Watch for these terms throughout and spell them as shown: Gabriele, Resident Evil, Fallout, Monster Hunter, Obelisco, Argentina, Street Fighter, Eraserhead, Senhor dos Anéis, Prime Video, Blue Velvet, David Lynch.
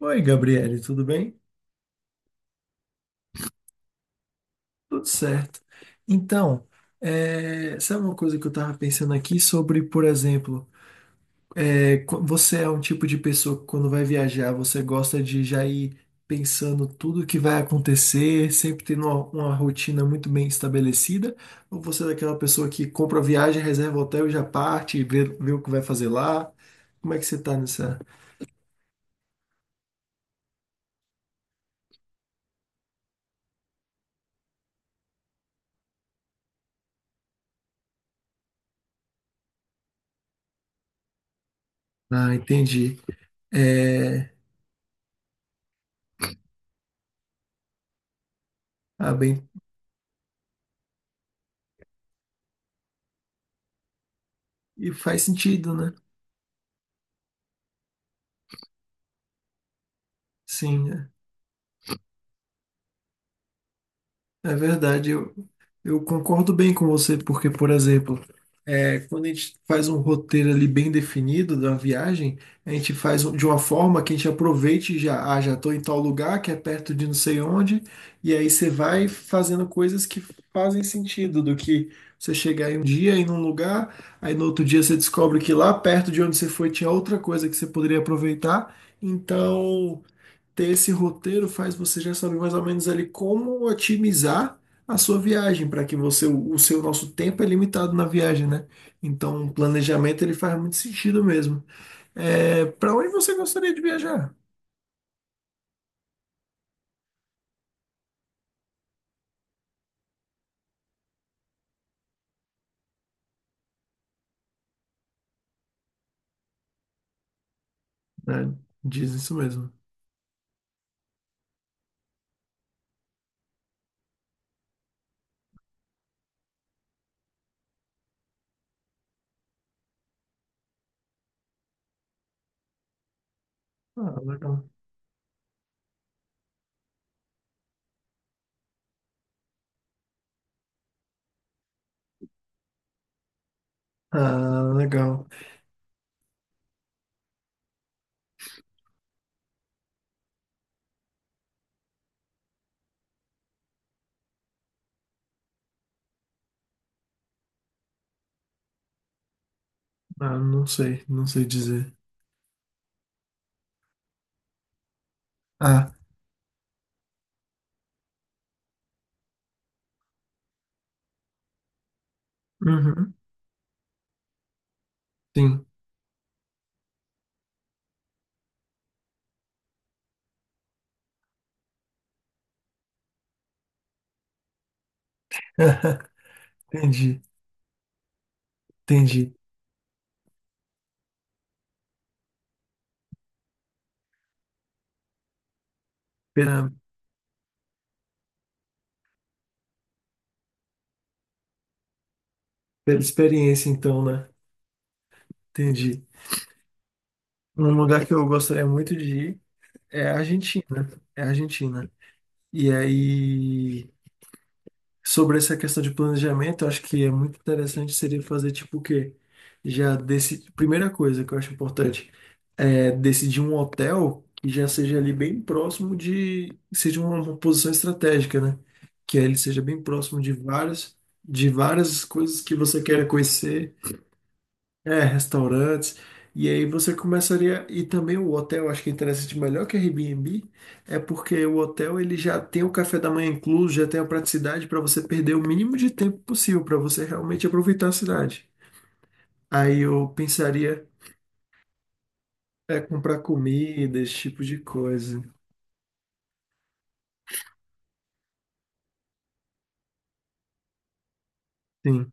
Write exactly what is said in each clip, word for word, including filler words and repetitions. Oi, Gabriele, tudo bem? Tudo certo. Então, é, sabe uma coisa que eu estava pensando aqui sobre, por exemplo, é, qu- você é um tipo de pessoa que quando vai viajar, você gosta de já ir pensando tudo o que vai acontecer, sempre tendo uma, uma rotina muito bem estabelecida? Ou você é daquela pessoa que compra a viagem, reserva o hotel e já parte, e vê, vê o que vai fazer lá? Como é que você está nessa? Ah, entendi. É, ah, bem, e faz sentido, né? Sim, é. É verdade, eu, eu concordo bem com você, porque, por exemplo, é, quando a gente faz um roteiro ali bem definido da viagem, a gente faz um- de uma forma que a gente aproveite e já, ah, já estou em tal lugar, que é perto de não sei onde, e aí você vai fazendo coisas que fazem sentido, do que você chegar em um dia em um lugar, aí no outro dia você descobre que lá perto de onde você foi tinha outra coisa que você poderia aproveitar, então ter esse roteiro faz você já saber mais ou menos ali como otimizar a sua viagem, para que você, o seu nosso tempo é limitado na viagem, né? Então, o planejamento ele faz muito sentido mesmo. É, para onde você gostaria de viajar? É, diz isso mesmo. Ah, legal. Ah, legal. Ah, não sei, não sei dizer. Ah, uhum, sim. Entendi, entendi. Pela, pela experiência, então, né? Entendi. Um lugar que eu gostaria muito de ir. É a Argentina, é a Argentina. E aí, sobre essa questão de planejamento, eu acho que é muito interessante seria fazer tipo o quê? Já desse, primeira coisa que eu acho importante é decidir um hotel que já seja ali bem próximo de, seja uma, uma posição estratégica, né? Que aí ele seja bem próximo de várias, de várias coisas que você quer conhecer é, restaurantes. E aí você começaria. E também o hotel, acho que é interessante, melhor que Airbnb, é porque o hotel ele já tem o café da manhã incluso, já tem a praticidade para você perder o mínimo de tempo possível, para você realmente aproveitar a cidade. Aí eu pensaria é comprar comida, esse tipo de coisa. Sim.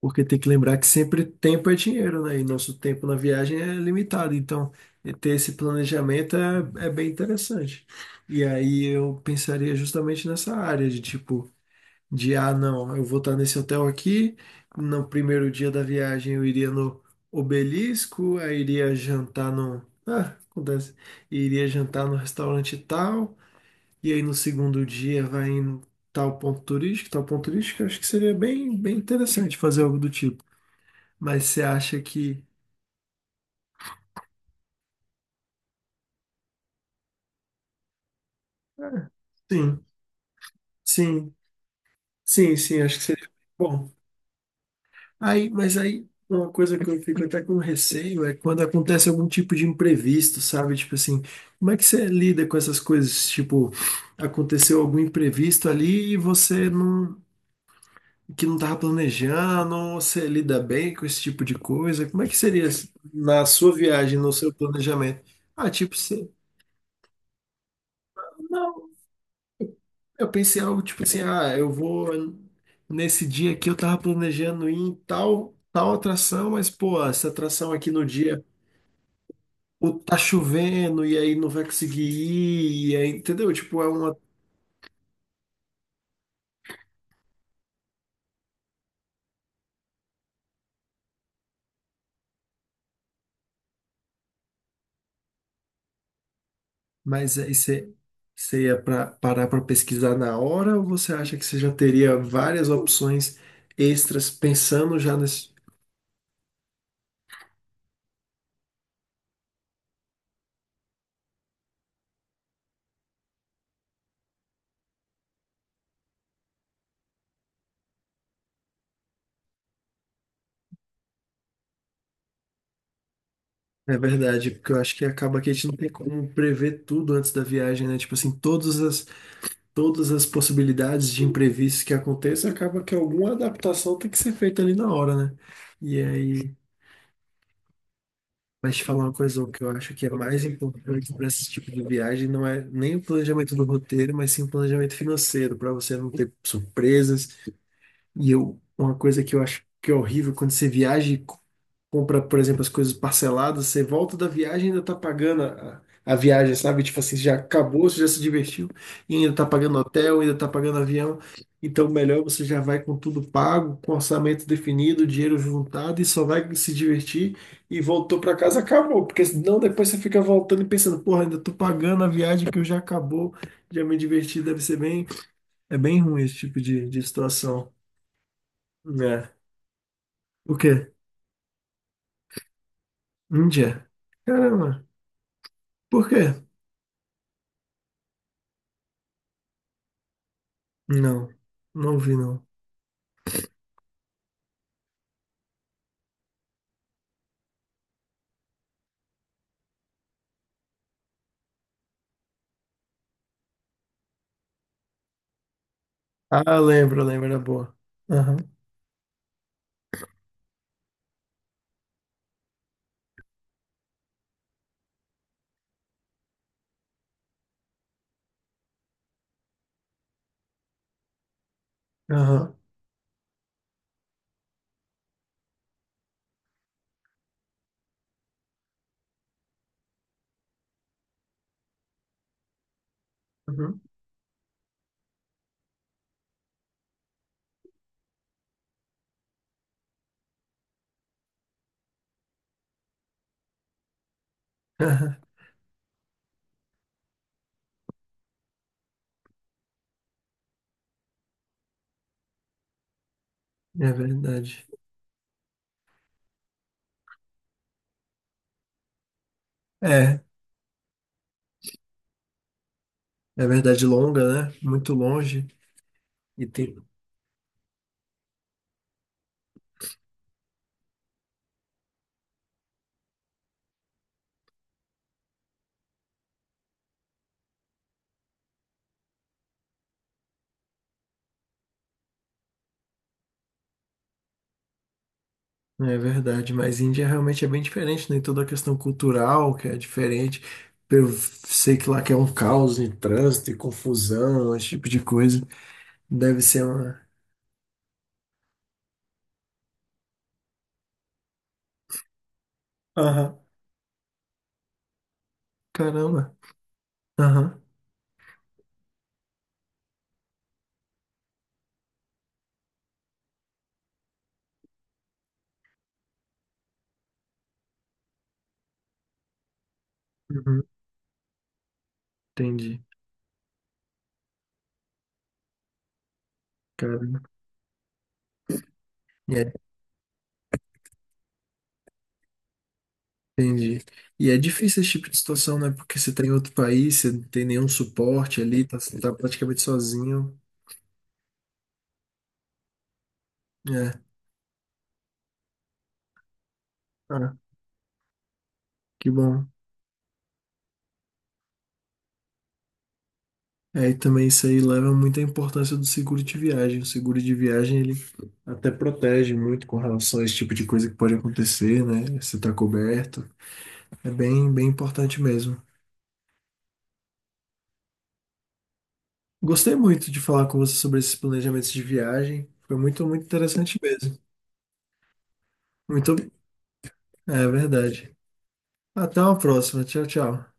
Porque tem que lembrar que sempre tempo é dinheiro, né? E nosso tempo na viagem é limitado. Então, e ter esse planejamento é, é bem interessante. E aí eu pensaria justamente nessa área de tipo, de ah, não, eu vou estar nesse hotel aqui. No primeiro dia da viagem eu iria no Obelisco, aí iria jantar no. Ah, acontece. Iria jantar no restaurante tal. E aí no segundo dia vai em tal ponto turístico, tal ponto turístico. Eu acho que seria bem, bem interessante fazer algo do tipo. Mas você acha que. Ah, sim, sim, sim, sim, acho que seria bom. Aí, mas aí, uma coisa que eu fico até com receio é quando acontece algum tipo de imprevisto, sabe? Tipo assim, como é que você lida com essas coisas? Tipo, aconteceu algum imprevisto ali e você não, que não estava planejando, ou você lida bem com esse tipo de coisa? Como é que seria na sua viagem, no seu planejamento? Ah, tipo, você. Não. Eu pensei algo tipo assim, ah, eu vou nesse dia aqui eu tava planejando ir em tal tal atração, mas pô, essa atração aqui no dia o tá chovendo e aí não vai conseguir ir, e aí, entendeu? Tipo, é uma, mas aí você você ia pra, parar para pesquisar na hora ou você acha que você já teria várias opções extras pensando já nesse É verdade, porque eu acho que acaba que a gente não tem como prever tudo antes da viagem, né? Tipo assim, todas as todas as possibilidades de imprevistos que aconteçam, acaba que alguma adaptação tem que ser feita ali na hora, né? E aí, mas te falar uma coisa, o que eu acho que é mais importante para esse tipo de viagem não é nem o planejamento do roteiro, mas sim o planejamento financeiro, para você não ter surpresas. E eu, uma coisa que eu acho que é horrível quando você viaja compra, por exemplo, as coisas parceladas, você volta da viagem e ainda tá pagando a, a viagem, sabe? Tipo assim, já acabou, você já se divertiu e ainda tá pagando hotel, ainda tá pagando avião. Então, melhor você já vai com tudo pago, com orçamento definido, dinheiro juntado e só vai se divertir e voltou para casa, acabou. Porque senão depois você fica voltando e pensando, porra, ainda tô pagando a viagem que eu já acabou, já me diverti, deve ser bem. É bem ruim esse tipo de, de situação. É. O quê? Índia? Caramba. Por quê? Não, não vi não. Ah, lembro, lembro, era boa. Aham, aham, uhum, aham. É verdade. É, é verdade longa, né? Muito longe. E tem... É verdade, mas Índia realmente é bem diferente, né? Toda a questão cultural que é diferente. Eu sei que lá que é um caos em trânsito e confusão, esse tipo de coisa. Deve ser uma... Aham, caramba. Aham, uhum, entendi. Caramba. Entendi. E é difícil esse tipo de situação, né? Porque você tá em outro país, você não tem nenhum suporte ali, tá, tá praticamente sozinho. É, ah, que bom. É, e também isso aí leva muito à importância do seguro de viagem. O seguro de viagem, ele até protege muito com relação a esse tipo de coisa que pode acontecer, né? Você tá coberto. É bem, bem importante mesmo. Gostei muito de falar com você sobre esses planejamentos de viagem. Foi muito, muito interessante mesmo. Muito, é verdade. Até uma próxima. Tchau, tchau.